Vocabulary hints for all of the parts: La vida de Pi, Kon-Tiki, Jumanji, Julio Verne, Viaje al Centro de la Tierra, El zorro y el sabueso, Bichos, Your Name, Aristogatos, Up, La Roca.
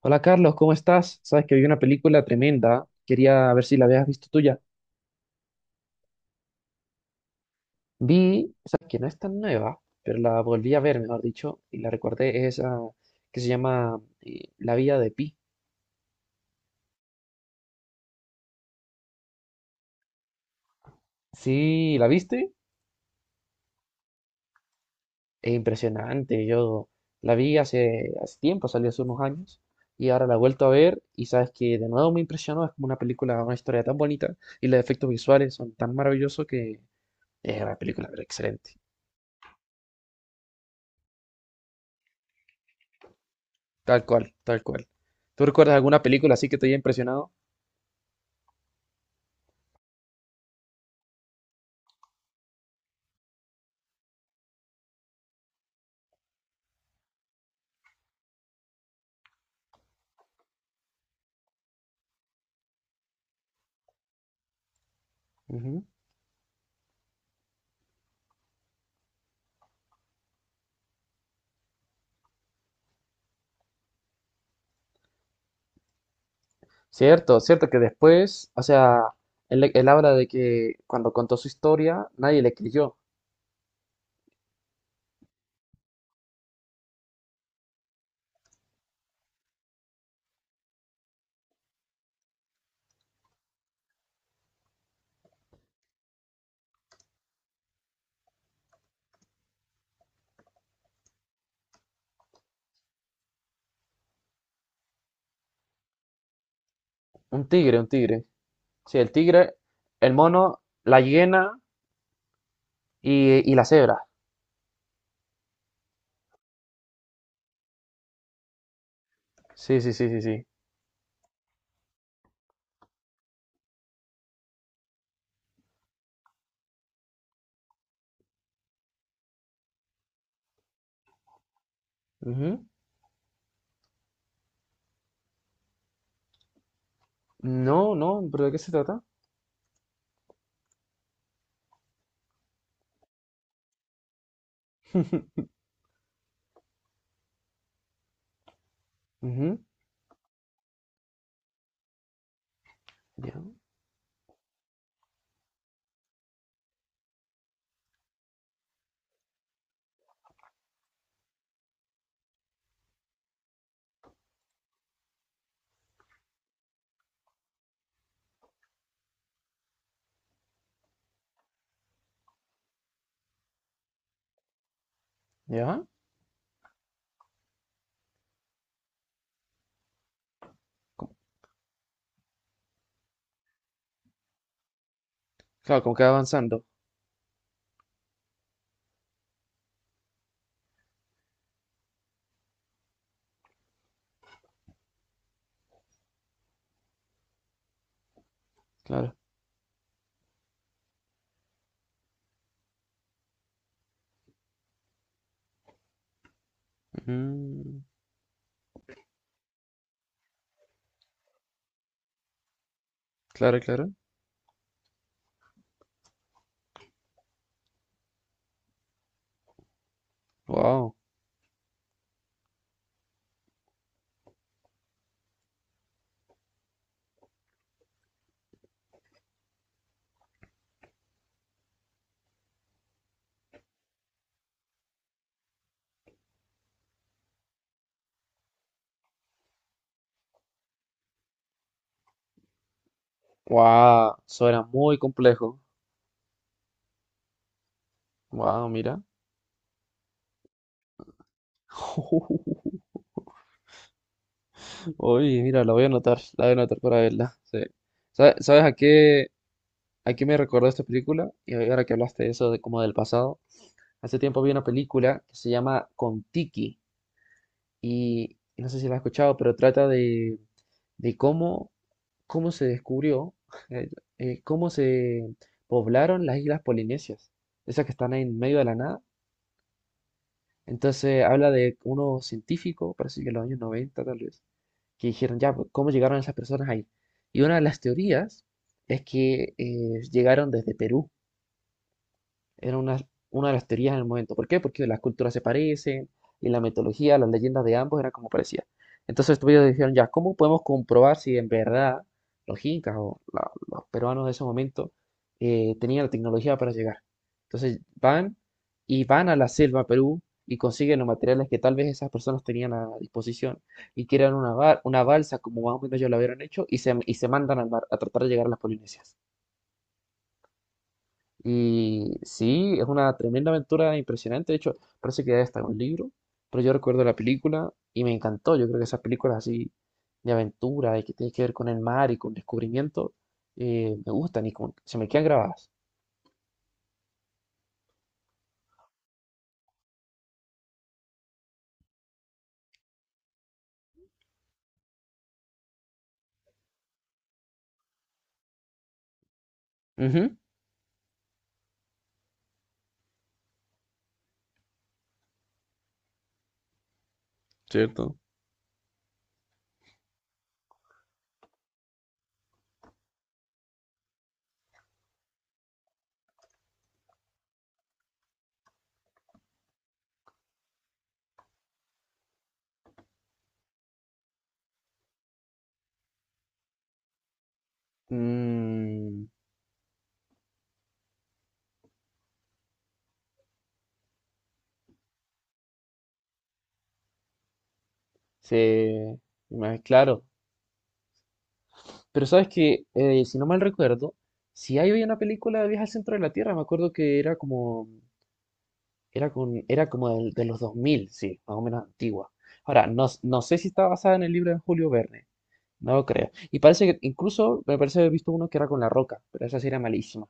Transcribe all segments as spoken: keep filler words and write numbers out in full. Hola Carlos, ¿cómo estás? Sabes que vi una película tremenda, quería ver si la habías visto tuya. Vi, sabes que no es tan nueva, pero la volví a ver, mejor dicho, y la recordé, es esa que se llama eh, La vida de Pi. Sí, ¿la viste? Es impresionante, yo la vi hace, hace tiempo, salió hace unos años, y ahora la he vuelto a ver, y sabes que de nuevo me impresionó, es como una película, una historia tan bonita, y los efectos visuales son tan maravillosos que es una película pero excelente. Tal cual, tal cual. ¿Tú recuerdas alguna película así que te haya impresionado? Ujú. Cierto, cierto que después, o sea, él, él habla de que cuando contó su historia, nadie le creyó. Un tigre, un tigre. Sí, el tigre, el mono, la hiena y, y la cebra. Sí, sí, sí, sí, sí. Ujú. No, no, ¿pero de qué se trata? Ujú. Ya, ya. Claro, como que va avanzando. Claro. Ujú. Claro, claro. Wow. Wow, eso era muy complejo. Wow, mira. Oye, mira, la voy a anotar, la voy a anotar para verla. Sí. ¿Sabe- ¿Sabes a qué, a qué me recordó esta película? Y ahora que hablaste de eso, de como del pasado. Hace tiempo vi una película que se llama Kon-Tiki y y no sé si la has escuchado, pero trata de, de cómo, cómo se descubrió, eh, eh, cómo se poblaron las islas polinesias, esas que están ahí en medio de la nada. Entonces habla de unos científicos, parece que en los años noventa, tal vez que dijeron, ya, pues, ¿cómo llegaron esas personas ahí? Y una de las teorías es que eh, llegaron desde Perú era una, una de las teorías en el momento. ¿Por qué? Porque las culturas se parecen y la mitología, las leyendas de ambos eran como parecían. Entonces ellos dijeron, ya, ¿cómo podemos comprobar si en verdad los incas o la- los peruanos de ese momento eh, tenían la tecnología para llegar? Entonces van y van a la selva Perú y consiguen los materiales que tal vez esas personas tenían a disposición y crean una, ba- una balsa como más o menos ellos la hubieran hecho y se, y se mandan al mar a tratar de llegar a las Polinesias. Y sí, es una tremenda aventura impresionante. De hecho, parece que ya está en un libro, pero yo recuerdo la película y me encantó. Yo creo que esas películas así de aventura y que tienen que ver con el mar y con descubrimiento eh, me gustan y como que se me quedan grabadas. Ujú, cierto. Mm, se- ma- claro. Pero sabes que, eh, si no mal recuerdo, si hay hoy una película de Viaje al Centro de la Tierra, me acuerdo que era como Era, con, era como del- de, los dos mil sí, más o menos antigua. Ahora, no, no sé si está basada en el libro de Julio Verne, no lo creo. Y parece que incluso me parece haber visto uno que era con La Roca, pero esa sí era malísima.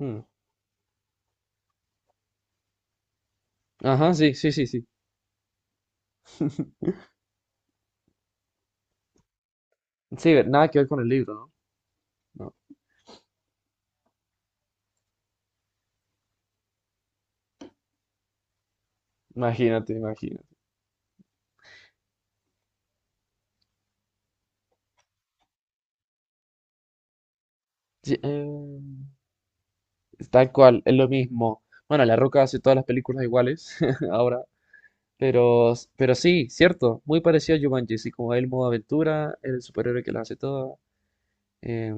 Mm. Ajá, sí, sí, sí, sí. Sí, ve- nada que ver con el libro, ¿no? No, imagínate, imagínate. Sí, eh, tal cual, es lo mismo. Bueno, La Roca hace todas las películas iguales ahora, pero, pero sí, cierto, muy parecido a Jumanji, así como el modo aventura, el superhéroe que las hace todas. Eh,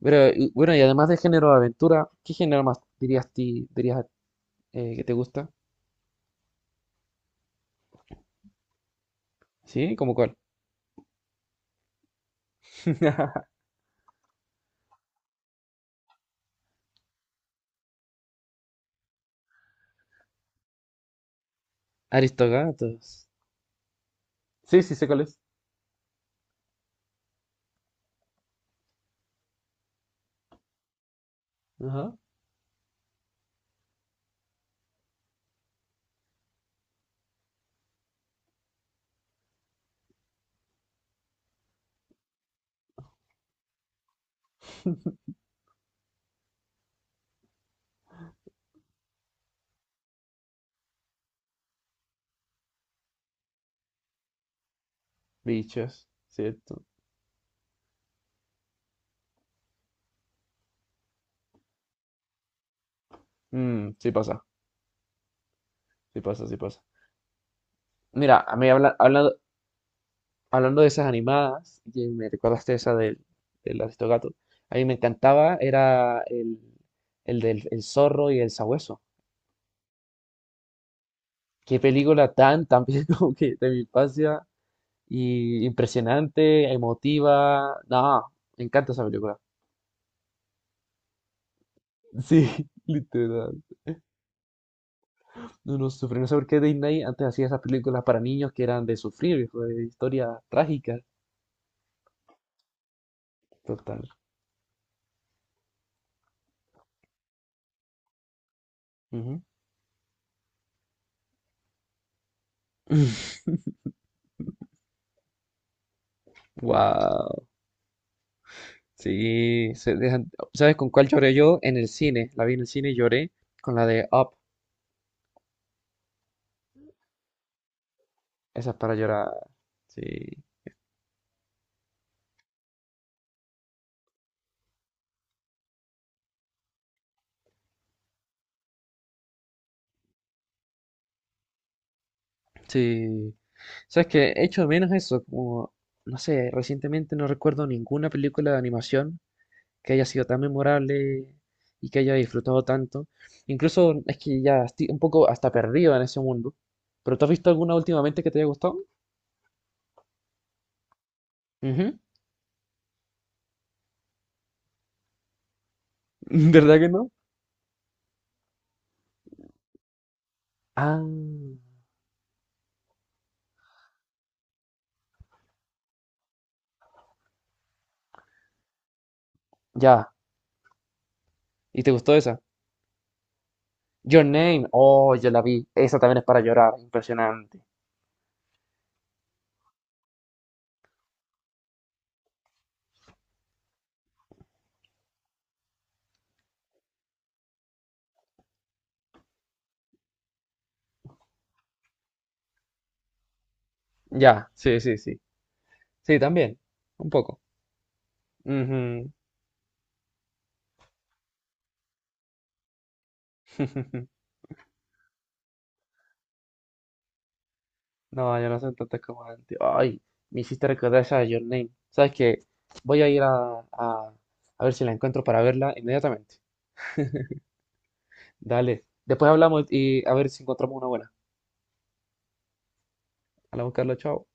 pero, y- bueno, y además de género de aventura, ¿qué género más dirías, ti, dirías eh, que te gusta? ¿Sí? ¿Cómo cuál? Aristogatos. Sí, sí, sé cuál es. Ajá. Bichos, ¿cierto? Mm, sí pasa, sí pasa, sí pasa. Mira, a mí habla- hablando, hablando de esas animadas, que me recordaste esa del, del Aristogato, a mí me encantaba, era el, el del el zorro y el sabueso. Qué película tan, tan bien como que de mi infancia, y impresionante, emotiva. No, me encanta esa película. Sí, literal. Uno sufre. No sé por qué Disney antes hacía esas películas para niños que eran de sufrir, de historias trágicas. Total. Ujú. Wow, sí, se dejan- ¿Sabes con cuál lloré yo? En el cine, la vi en el cine y lloré con la de Up, esa es para llorar, sí, sí, ¿sabes qué? Hecho de menos eso, como, no sé, recientemente no recuerdo ninguna película de animación que haya sido tan memorable y que haya disfrutado tanto. Incluso es que ya estoy un poco hasta perdido en ese mundo. ¿Pero tú has visto alguna últimamente que te haya gustado? Ujú. ¿Verdad que no? Ah, ya. ¿Y te gustó esa? Your Name. Oh, yo la vi. Esa también es para llorar. Impresionante. Ya, sí, sí, sí. Sí, también. Un poco. Ujú. No, yo no soy tantas como antes. Ay, me hiciste recordar esa de Your Name. ¿Sabes qué? Voy a ir a, a, a ver si la encuentro para verla inmediatamente. Dale. Después hablamos y a ver si encontramos una buena. Hola, Carlos. Chao.